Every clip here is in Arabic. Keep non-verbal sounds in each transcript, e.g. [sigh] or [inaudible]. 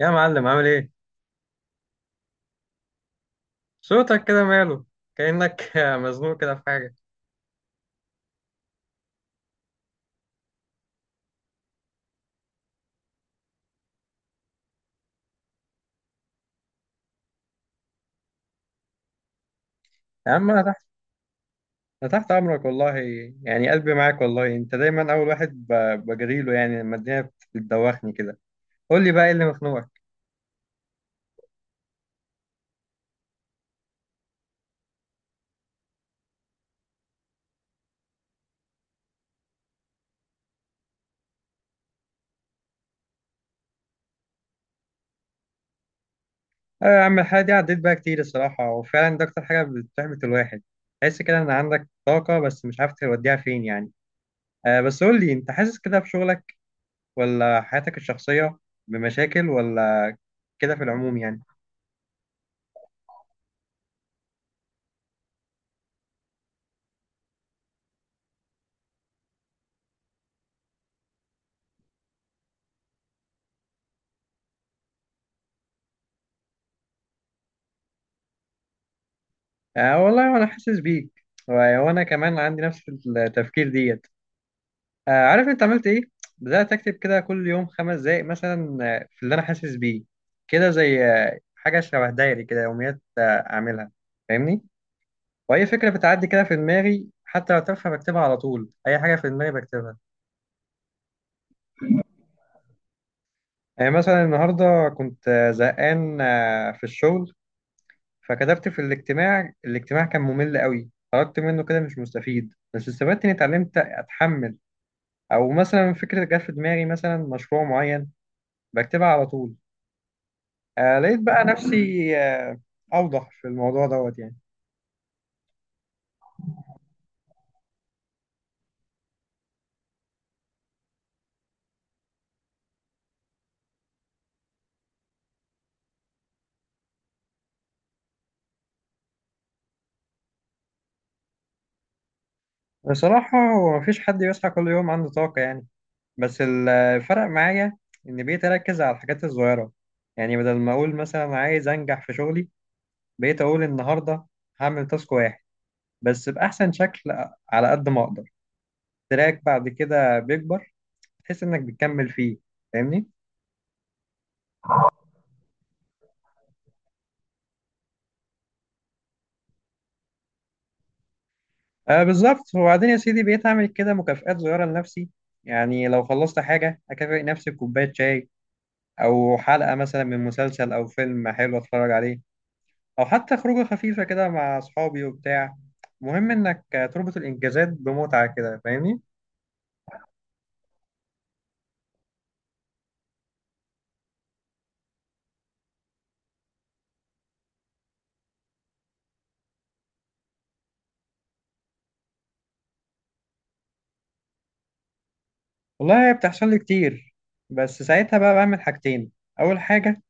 يا معلم، عامل ايه؟ صوتك كده ماله؟ كأنك [laughs] مزنوق كده في حاجة. يا عم انا تحت، انا تحت امرك والله. يعني قلبي معاك والله، انت دايما اول واحد بجري له يعني لما الدنيا بتدوخني كده. قول لي بقى ايه اللي مخنوقك؟ اه يا عم، الحاجة دي عديت بقى كتير الصراحة، وفعلا ده اكتر حاجة بتحبط الواحد. تحس كده ان عندك طاقة بس مش عارف توديها فين يعني. آه، بس قول لي انت حاسس كده في شغلك ولا حياتك الشخصية، بمشاكل ولا كده في العموم يعني؟ آه والله وانا حاسس بيك، وانا كمان عندي نفس التفكير ديت. آه عارف انت عملت ايه؟ بدات اكتب كده كل يوم 5 دقايق مثلا، في اللي انا حاسس بيه، كده زي حاجه شبه دايري كده، يوميات اعملها، فاهمني؟ واي فكره بتعدي كده في دماغي حتى لو تافهه بكتبها على طول، اي حاجه في دماغي بكتبها. يعني مثلا النهارده كنت زهقان في الشغل، فكتبت في الاجتماع كان ممل قوي، خرجت منه كده مش مستفيد، بس استفدت اني اتعلمت اتحمل. او مثلا فكره جت في دماغي، مثلا مشروع معين، بكتبها على طول. آه لقيت بقى نفسي اوضح في الموضوع دوت يعني. بصراحه هو مفيش حد بيصحى كل يوم عنده طاقه يعني، بس الفرق معايا ان بقيت اركز على الحاجات الصغيره. يعني بدل ما اقول مثلا عايز انجح في شغلي، بقيت اقول النهارده هعمل تاسك واحد، بس باحسن شكل على قد ما اقدر. تراك بعد كده بيكبر، تحس انك بتكمل فيه، فاهمني؟ آه بالظبط. وبعدين يا سيدي بقيت أعمل كده مكافآت صغيرة لنفسي. يعني لو خلصت حاجة أكافئ نفسي بكوباية شاي، أو حلقة مثلا من مسلسل، أو فيلم حلو أتفرج عليه، أو حتى خروجة خفيفة كده مع أصحابي وبتاع. مهم إنك تربط الإنجازات بمتعة كده، فاهمني؟ والله هي بتحصل لي كتير، بس ساعتها بقى بعمل حاجتين. أول حاجة،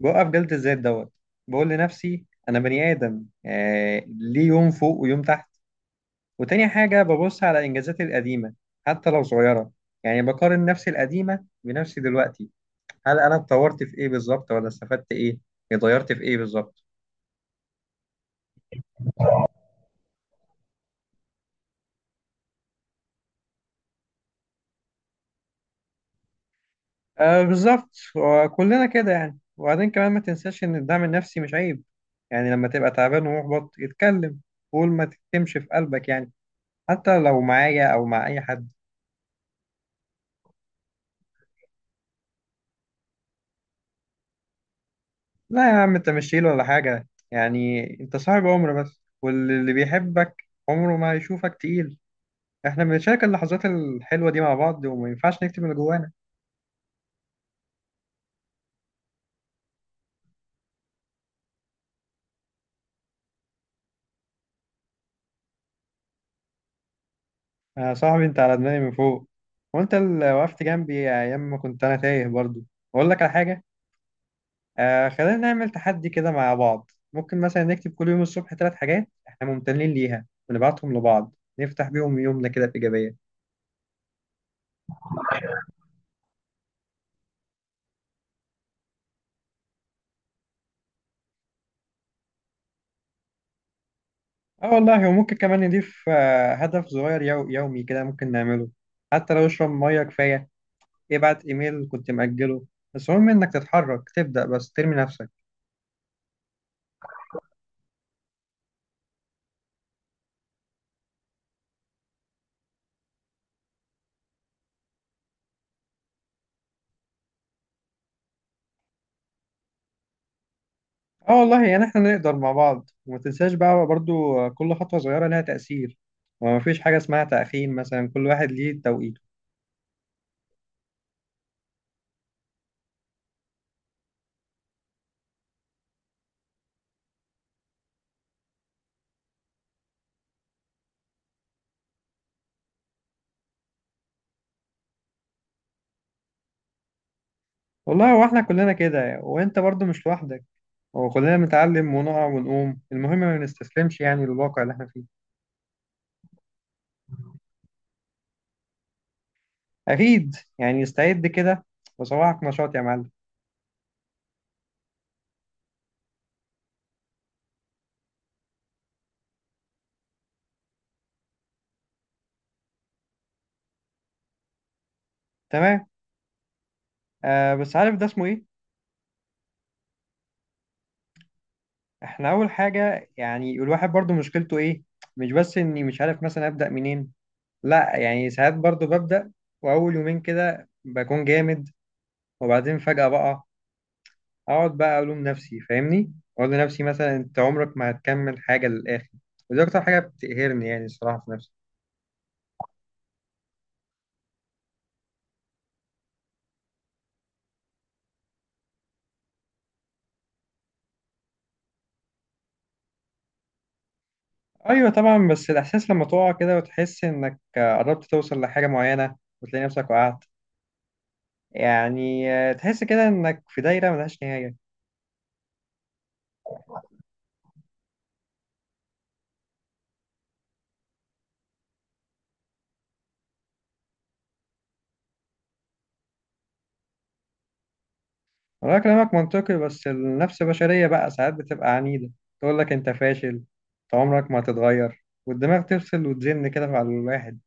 بوقف جلد الذات دوت، بقول لنفسي أنا بني آدم ليه يوم فوق ويوم تحت. وتاني حاجة ببص على إنجازاتي القديمة حتى لو صغيرة، يعني بقارن نفسي القديمة بنفسي دلوقتي، هل أنا اتطورت في إيه بالظبط، ولا استفدت إيه، اتغيرت في إيه بالظبط. آه بالظبط، وكلنا كده يعني. وبعدين كمان ما تنساش إن الدعم النفسي مش عيب. يعني لما تبقى تعبان ومحبط اتكلم، قول، ما تكتمش في قلبك يعني، حتى لو معايا أو مع أي حد. لا يا عم، أنت مش شايل ولا حاجة يعني، أنت صاحب عمر، بس واللي بيحبك عمره ما هيشوفك تقيل. احنا بنشارك اللحظات الحلوة دي مع بعض، وما ينفعش نكتب اللي جوانا. يا صاحبي انت على دماغي من فوق، وانت اللي وقفت جنبي ايام ما كنت انا تايه برضو. اقول لك على حاجة، آه خلينا نعمل تحدي كده مع بعض. ممكن مثلا نكتب كل يوم الصبح ثلاث حاجات احنا ممتنين ليها، ونبعتهم لبعض، نفتح بيهم يومنا كده بإيجابية. اه والله، وممكن كمان نضيف هدف صغير يومي كده ممكن نعمله. حتى لو اشرب مية كفاية، ابعت ايميل كنت مأجله. بس المهم انك تتحرك، تبدأ بس، ترمي نفسك. اه والله يعني احنا نقدر مع بعض. وما تنساش بقى برضو، كل خطوة صغيرة لها تأثير، وما فيش حاجة اسمها تأخير مثلا، كل واحد ليه توقيته. والله هو احنا كلنا كده، وانت برضو مش لوحدك. هو كلنا بنتعلم ونقع ونقوم، المهم ما نستسلمش يعني للواقع اللي احنا فيه. أكيد يعني، استعد كده، وصباحك نشاط يا معلم. تمام. آه بس عارف ده اسمه ايه؟ احنا أول حاجة يعني الواحد برضو مشكلته ايه؟ مش بس اني مش عارف مثلا أبدأ منين، لا يعني ساعات برضو ببدأ، وأول يومين كده بكون جامد، وبعدين فجأة بقى أقعد بقى ألوم نفسي، فاهمني؟ أقول لنفسي مثلا، أنت عمرك ما هتكمل حاجة للآخر. ودي أكتر حاجة بتقهرني يعني، الصراحة في نفسي. أيوة طبعا، بس الإحساس لما تقع كده وتحس إنك قربت توصل لحاجة معينة، وتلاقي نفسك وقعت، يعني تحس كده إنك في دايرة ملهاش نهاية. انا كلامك منطقي، بس النفس البشرية بقى ساعات بتبقى عنيدة، تقول لك انت فاشل، انت عمرك ما هتتغير، والدماغ تفصل وتزن كده على الواحد،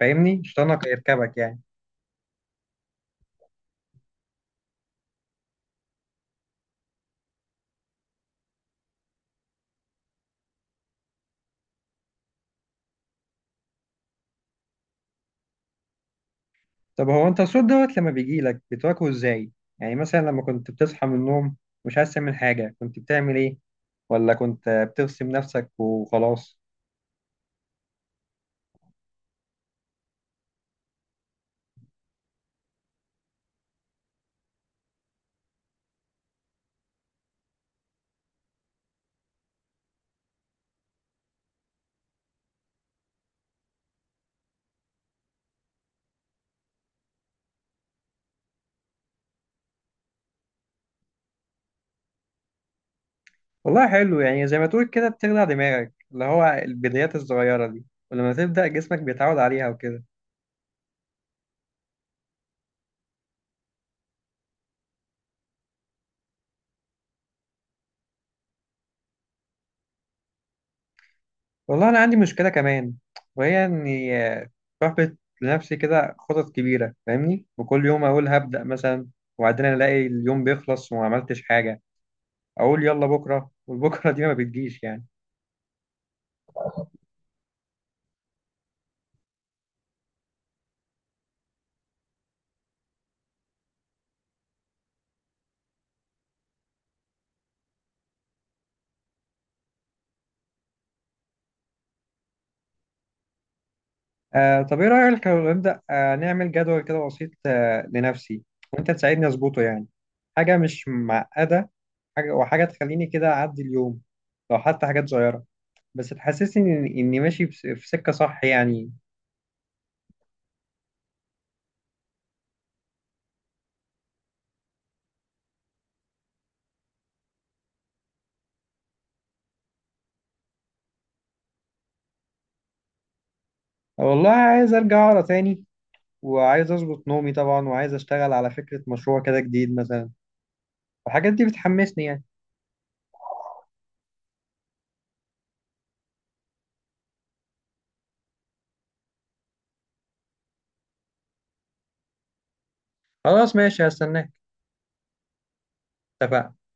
فاهمني؟ شيطانك يركبك يعني. طب هو انت الصوت دوت لما بيجي لك بتواجهه ازاي؟ يعني مثلا لما كنت بتصحى من النوم مش عايز تعمل حاجة، كنت بتعمل ايه؟ ولا كنت بترسم نفسك وخلاص؟ والله حلو يعني، زي ما تقول كده بتخدع دماغك، اللي هو البدايات الصغيرة دي، ولما تبدأ جسمك بيتعود عليها وكده. والله أنا عندي مشكلة كمان، وهي إني بحبط لنفسي كده خطط كبيرة فاهمني، وكل يوم أقول هبدأ مثلا، وبعدين ألاقي اليوم بيخلص وما عملتش حاجة. أقول يلا بكرة، والبكرة دي ما بتجيش يعني. آه طب إيه رأيك لو نبدأ نعمل جدول كده بسيط لنفسي، وأنت تساعدني أظبطه يعني. حاجة مش معقدة، حاجة وحاجة تخليني كده أعدي اليوم، لو حتى حاجات صغيرة، بس تحسسني إني ماشي في سكة صح يعني. والله عايز أرجع أقرأ تاني، وعايز اظبط نومي طبعا، وعايز اشتغل على فكرة مشروع كده جديد مثلا. والحاجات دي بتحمسني يعني. خلاص ماشي، هستناك. اتفقنا.